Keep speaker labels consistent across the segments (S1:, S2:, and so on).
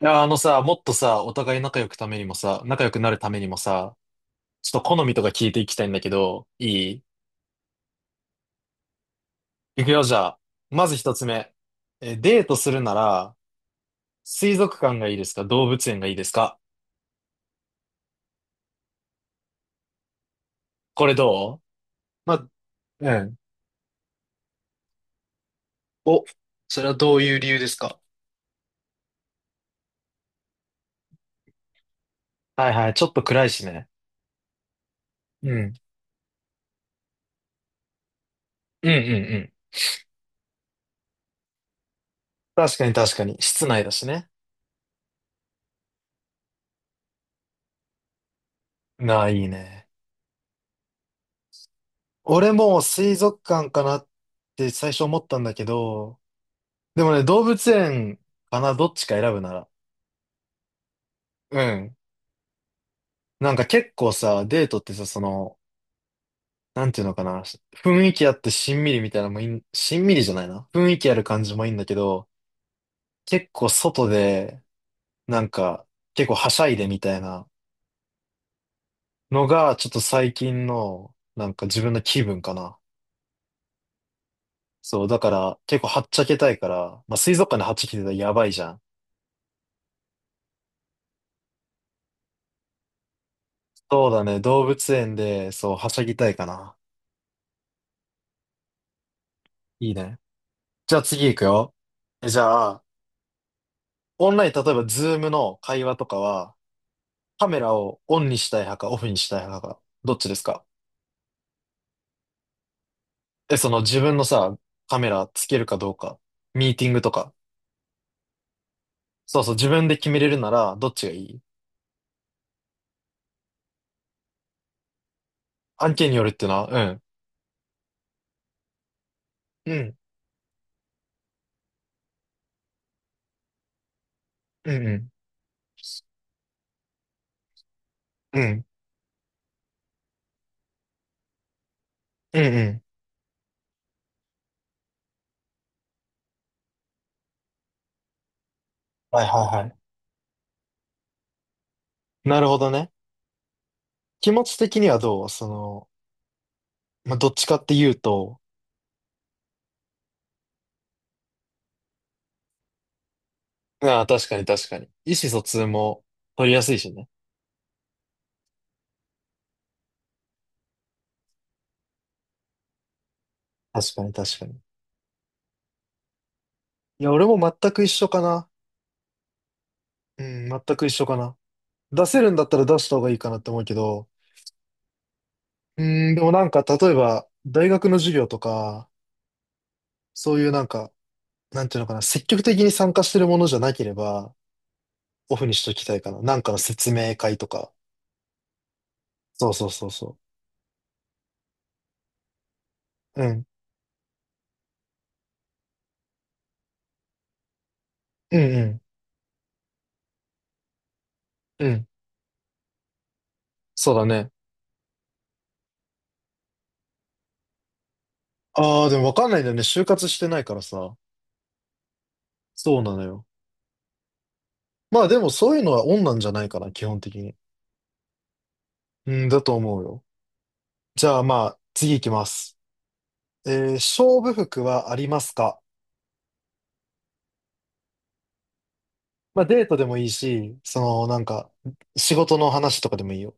S1: いや、あのさ、もっとさ、お互い仲良くためにもさ、仲良くなるためにもさ、ちょっと好みとか聞いていきたいんだけど、いいくよ、じゃあ。まず一つ目。デートするなら、水族館がいいですか、動物園がいいですか？これどう？まあ、うん。お、それはどういう理由ですか？はいはい、ちょっと暗いしね。うん。うんうんうん。確かに確かに。室内だしね。なあ、いいね。俺も水族館かなって最初思ったんだけど、でもね、動物園かな、どっちか選ぶなら。うん。なんか結構さ、デートってさ、その、なんていうのかな、雰囲気あってしんみりみたいなのもいい、しんみりじゃないな。雰囲気ある感じもいいんだけど、結構外で、なんか、結構はしゃいでみたいなのが、ちょっと最近の、なんか自分の気分かな。そう、だから結構はっちゃけたいから、まあ水族館ではっちゃけてたらやばいじゃん。そうだね、動物園で、そう、はしゃぎたいかな。いいね。じゃあ次行くよ。じゃあ、オンライン、例えばズームの会話とかは、カメラをオンにしたい派かオフにしたい派か、どっちですか？その自分のさ、カメラつけるかどうか、ミーティングとか、そうそう、自分で決めれるなら、どっちがいい？案件によるっていうのは、うん。うん、うん、うん、うん、うん、うん。はいはいはい。なるほどね。気持ち的にはどう？その、まあ、どっちかっていうと、ああ、確かに確かに。意思疎通も取りやすいしね。確かに確かに。いや、俺も全く一緒かな。うん、全く一緒かな。出せるんだったら出した方がいいかなって思うけど、うーん、でもなんか例えば大学の授業とか、そういうなんか、なんていうのかな、積極的に参加してるものじゃなければ、オフにしときたいかな。なんかの説明会とか。そうそうそうそう。うん。うんうん。うん。そうだね。ああ、でもわかんないんだよね。就活してないからさ。そうなのよ。まあでもそういうのはオンなんじゃないかな、基本的に。うん、だと思うよ。じゃあまあ、次行きます。勝負服はありますか？まあデートでもいいし、そのなんか仕事の話とかでもいいよ。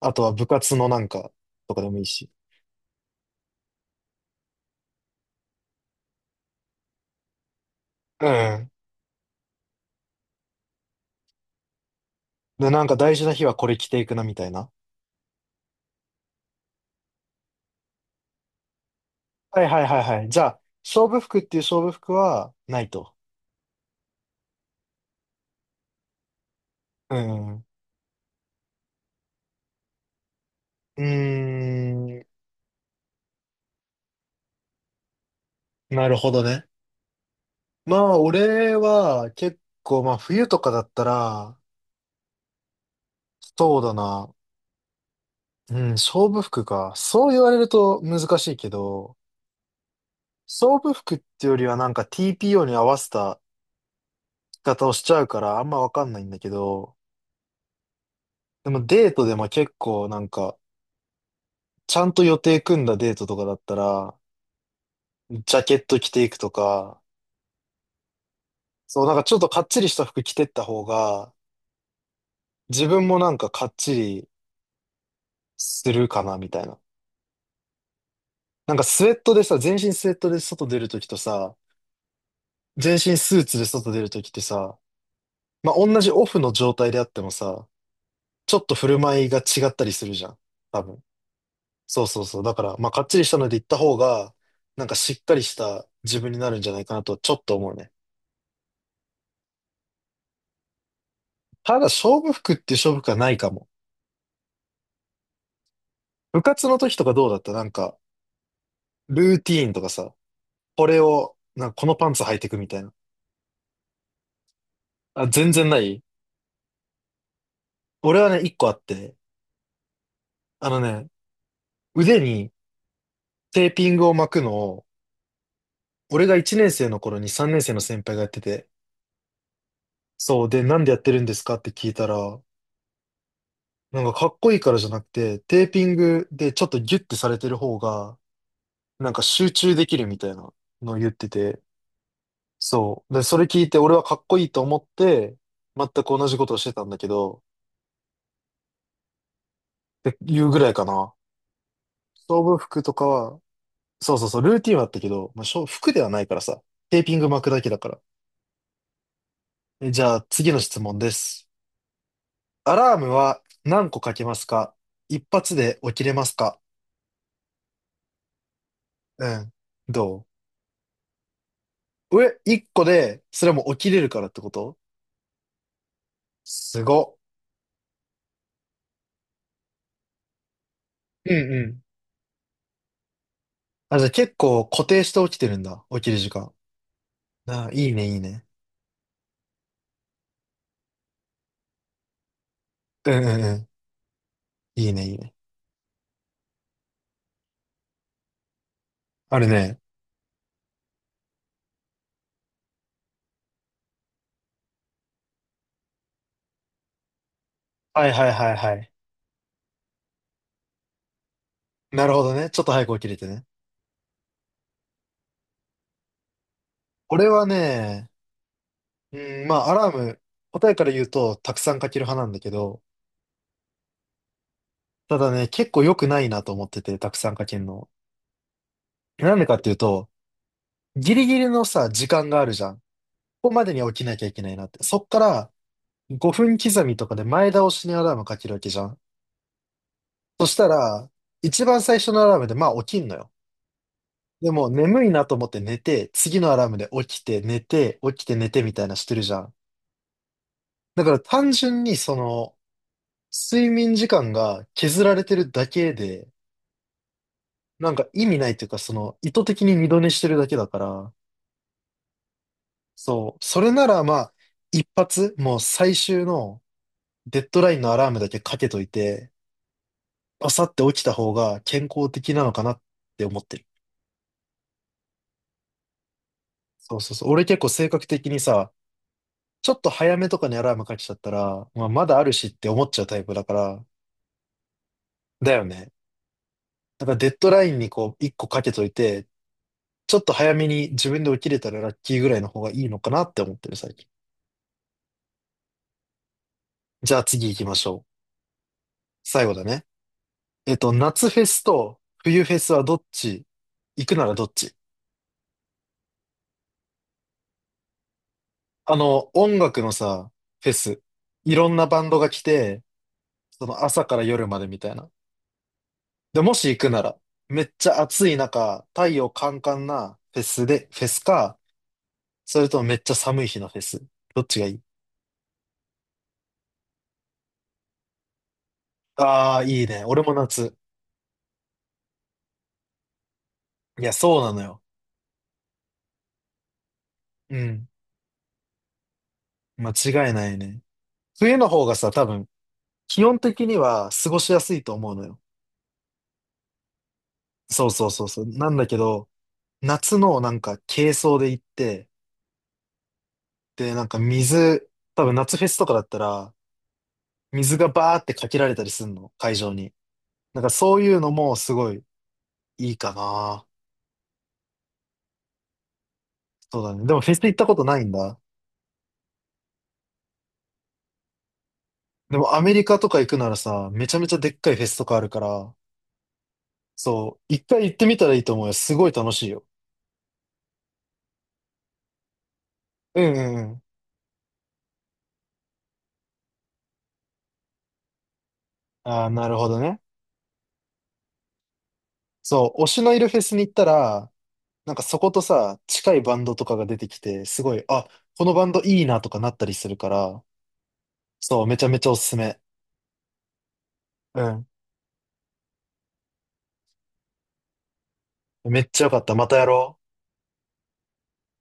S1: あとは部活のなんかとかでもいいし。うん。で、なんか大事な日はこれ着ていくなみたいな。はいはいはいはい。じゃあ、勝負服っていう勝負服はないと。うん。うーん。なるほどね。まあ俺は結構まあ冬とかだったら、そうだな。うん、勝負服か。そう言われると難しいけど、勝負服っていうよりはなんか TPO に合わせた方をしちゃうからあんまわかんないんだけど、でもデートでも結構なんか、ちゃんと予定組んだデートとかだったら、ジャケット着ていくとか、そうなんかちょっとかっちりした服着てった方が、自分もなんかかっちりするかなみたいな。なんかスウェットでさ、全身スウェットで外出るときとさ、全身スーツで外出るときってさ、まあ、同じオフの状態であってもさ、ちょっと振る舞いが違ったりするじゃん。多分。そうそうそう。だから、まあ、かっちりしたので行った方が、なんかしっかりした自分になるんじゃないかなと、ちょっと思うね。ただ、勝負服っていう勝負服はないかも。部活の時とかどうだったなんか、ルーティーンとかさ、これを、なんかこのパンツ履いてくみたいな。あ、全然ない？俺はね、一個あって、あのね、腕にテーピングを巻くのを、俺が1年生の頃に3年生の先輩がやってて、そう、で、なんでやってるんですかって聞いたら、なんかかっこいいからじゃなくて、テーピングでちょっとギュッてされてる方が、なんか集中できるみたいなのを言ってて、そう。で、それ聞いて俺はかっこいいと思って、全く同じことをしてたんだけど、っていうぐらいかな。勝負服とかは、そうそうそう、ルーティンはあったけど、まあ、勝服ではないからさ、テーピング巻くだけだから。じゃあ次の質問です。アラームは何個かけますか？一発で起きれますか？うん。どう上、一個で、それも起きれるからってこと？すごっ。うんうん。あ、じゃあ結構固定して起きてるんだ。起きる時間。ああ、いいね、いいね。うんうんうん。いいね、いいね。あるね。はいはいはいはい。なるほどね。ちょっと早く起きれてね。俺はね、うん、まあ、アラーム、答えから言うと、たくさんかける派なんだけど、ただね、結構良くないなと思ってて、たくさんかけるの。なんでかっていうと、ギリギリのさ、時間があるじゃん。ここまでに起きなきゃいけないなって。そっから、5分刻みとかで前倒しにアラームかけるわけじゃん。そしたら、一番最初のアラームで、まあ起きんのよ。でも眠いなと思って寝て、次のアラームで起きて寝て、起きて寝てみたいなしてるじゃん。だから単純にその、睡眠時間が削られてるだけで、なんか意味ないというか、その、意図的に二度寝してるだけだから、そう、それならまあ、一発、もう最終のデッドラインのアラームだけかけといて、バサって起きた方が健康的なのかなって思ってる。そうそうそう。俺結構性格的にさ、ちょっと早めとかにアラームかけちゃったら、まあ、まだあるしって思っちゃうタイプだから、だよね。だからデッドラインにこう、一個かけといて、ちょっと早めに自分で起きれたらラッキーぐらいの方がいいのかなって思ってる最近。じゃあ次行きましょう。最後だね。夏フェスと冬フェスはどっち？行くならどっち？あの、音楽のさ、フェス。いろんなバンドが来て、その朝から夜までみたいな。で、もし行くなら、めっちゃ暑い中、太陽カンカンなフェスで、フェスか、それともめっちゃ寒い日のフェス。どっちがいい？ああー、いいね。俺も夏。いや、そうなのよ。うん。間違いないね。冬の方がさ、多分、気温的には過ごしやすいと思うのよ。そうそうそうそう。なんだけど、夏のなんか軽装で行って、で、なんか水、多分夏フェスとかだったら、水がバーってかけられたりすんの、会場に。なんかそういうのもすごいいいかな。そうだね。でもフェス行ったことないんだ。でもアメリカとか行くならさ、めちゃめちゃでっかいフェスとかあるから、そう、一回行ってみたらいいと思うよ。すごい楽しいよ。うんうんうん。ああ、なるほどね。そう、推しのいるフェスに行ったら、なんかそことさ、近いバンドとかが出てきて、すごい、あ、このバンドいいなとかなったりするから、そう、めちゃめちゃおすすめ。うん。めっちゃよかった。またやろう。